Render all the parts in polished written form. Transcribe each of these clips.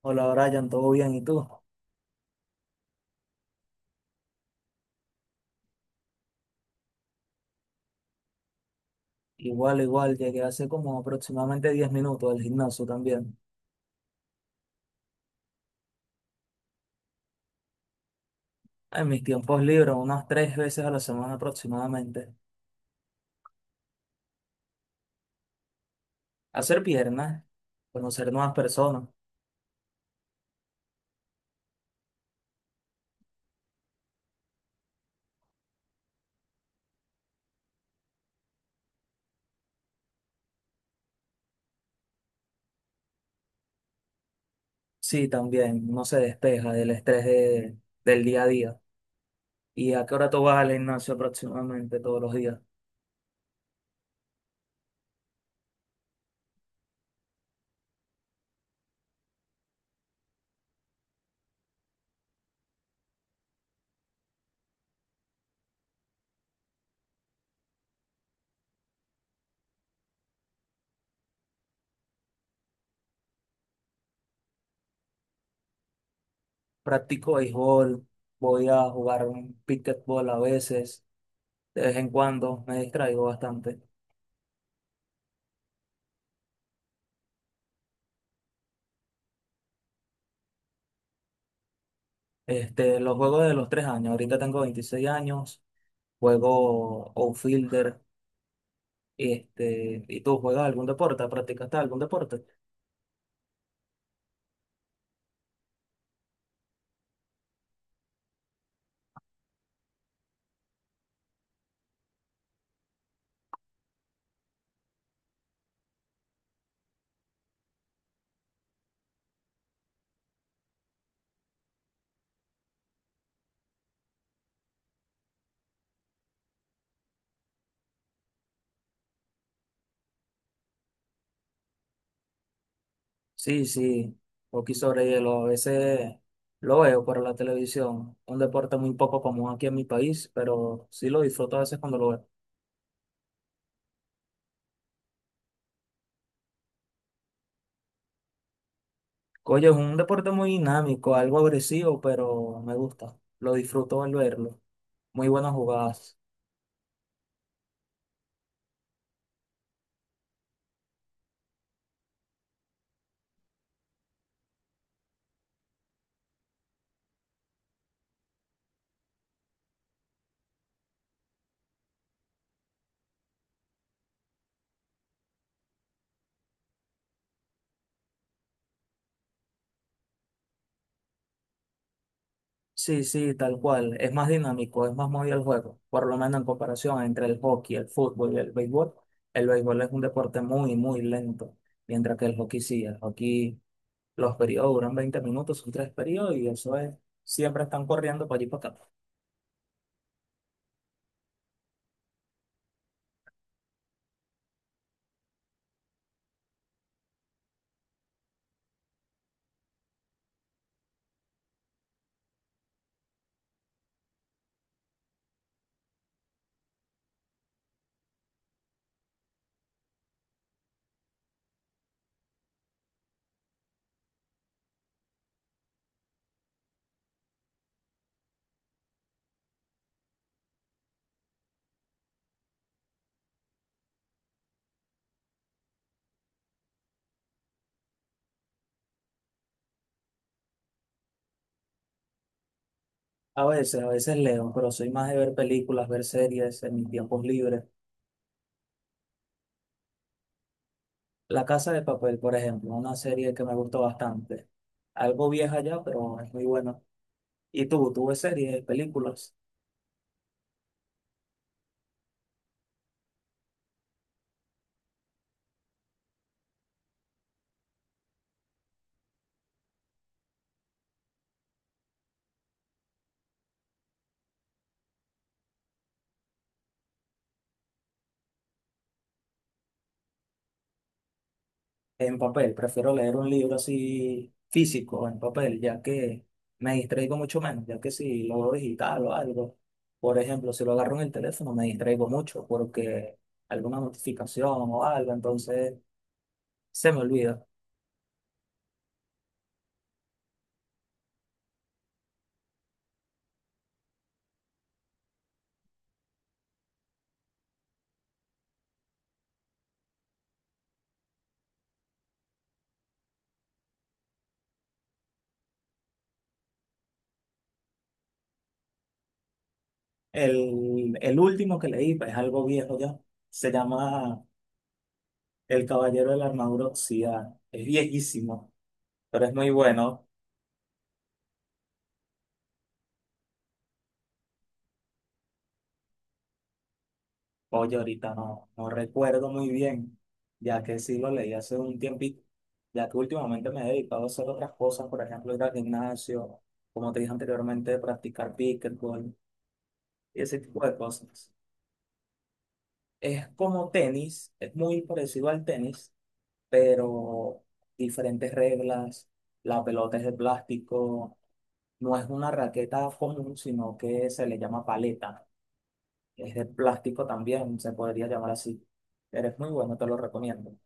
Hola Brian, ¿todo bien? ¿Y tú? Igual, igual, llegué hace como aproximadamente 10 minutos del gimnasio también. En mis tiempos libres, unas 3 veces a la semana aproximadamente. Hacer piernas, conocer nuevas personas. Sí, también, no se despeja del del día a día. ¿Y a qué hora tú vas al gimnasio aproximadamente todos los días? Practico béisbol, voy a jugar un pickleball a veces, de vez en cuando, me distraigo bastante. Los juegos de los 3 años, ahorita tengo 26 años. Juego outfielder. ¿Y tú juegas algún deporte? ¿Practicaste algún deporte? Sí, sí, hockey sobre hielo, a veces lo veo por la televisión, un deporte muy poco común aquí en mi país, pero sí lo disfruto a veces cuando lo veo. Oye, es un deporte muy dinámico, algo agresivo, pero me gusta, lo disfruto al verlo, muy buenas jugadas. Sí, sí, tal cual. Es más dinámico, es más movido el juego. Por lo menos en comparación entre el hockey, el fútbol y el béisbol. El béisbol es un deporte muy, muy lento. Mientras que el hockey sí, el hockey, los periodos duran 20 minutos, son 3 periodos y eso es, siempre están corriendo para allí y para acá. A veces leo, pero soy más de ver películas, ver series en mis tiempos libres. La Casa de Papel, por ejemplo, una serie que me gustó bastante. Algo vieja ya, pero es muy buena. ¿Y tú ves series, películas? En papel, prefiero leer un libro así físico, en papel, ya que me distraigo mucho menos, ya que si lo veo digital o algo, por ejemplo, si lo agarro en el teléfono me distraigo mucho porque alguna notificación o algo, entonces se me olvida. El último que leí pues, es algo viejo ya, se llama El Caballero de la Armadura Oxidada, es viejísimo, pero es muy bueno. Oye, ahorita no, no recuerdo muy bien, ya que sí lo leí hace un tiempito, ya que últimamente me he dedicado a hacer otras cosas, por ejemplo, ir al gimnasio, como te dije anteriormente, practicar pickleball y ese tipo de cosas. Es como tenis, es muy parecido al tenis, pero diferentes reglas, la pelota es de plástico, no es una raqueta común, sino que se le llama paleta, es de plástico también, se podría llamar así, pero es muy bueno, te lo recomiendo.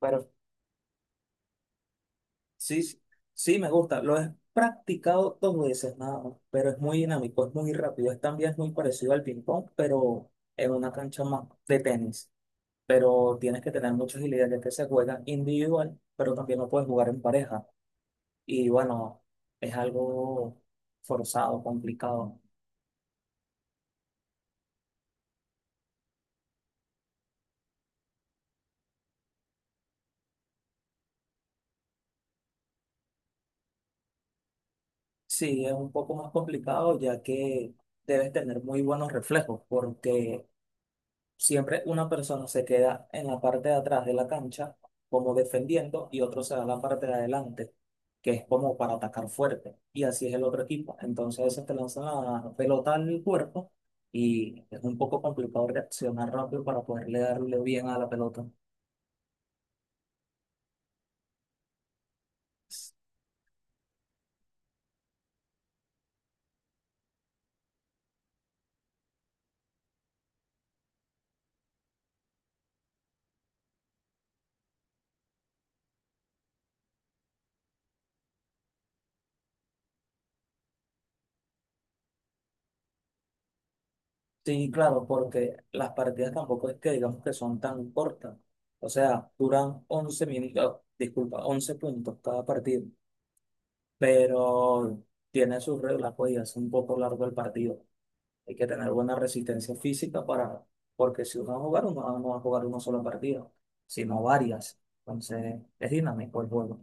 Pero sí, sí, sí me gusta. Lo he practicado 2 veces nada más, pero es muy dinámico, es muy rápido. Es también muy parecido al ping-pong, pero en una cancha más de tenis. Pero tienes que tener mucha agilidad, ya que se juega individual, pero también lo puedes jugar en pareja. Y bueno, es algo forzado, complicado. Sí, es un poco más complicado, ya que debes tener muy buenos reflejos, porque siempre una persona se queda en la parte de atrás de la cancha como defendiendo y otro se da la parte de adelante, que es como para atacar fuerte. Y así es el otro equipo. Entonces se te lanza la pelota al cuerpo y es un poco complicado reaccionar rápido para poderle darle bien a la pelota. Sí, claro, porque las partidas tampoco es que digamos que son tan cortas. O sea, duran 11 minutos, disculpa, 11 puntos cada partido. Pero tiene sus reglas, pues, y hace un poco largo el partido. Hay que tener buena resistencia física para, porque si uno va a jugar, uno no va a jugar un solo partido, sino varias. Entonces, es dinámico el juego.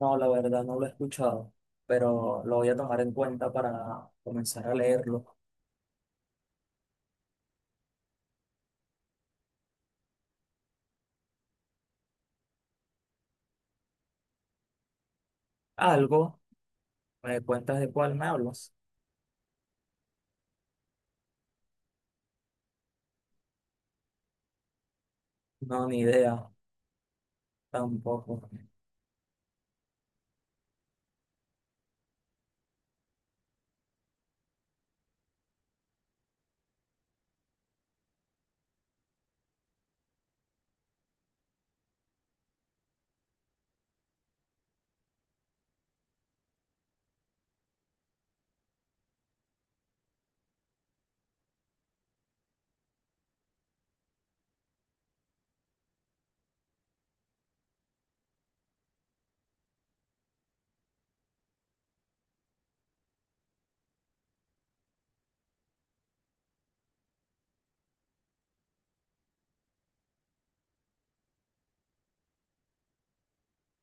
No, la verdad no lo he escuchado, pero lo voy a tomar en cuenta para comenzar a leerlo. Algo, ¿me cuentas de cuál me hablas? No, ni idea, tampoco.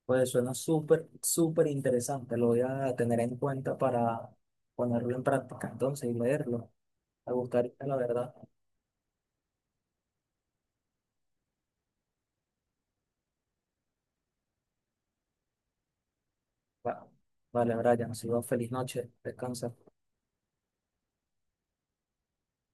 Pues suena súper, súper interesante. Lo voy a tener en cuenta para ponerlo en práctica entonces y leerlo. Me gustaría, la verdad. Va- Vale, Brian, ha sido feliz noche. Descansa.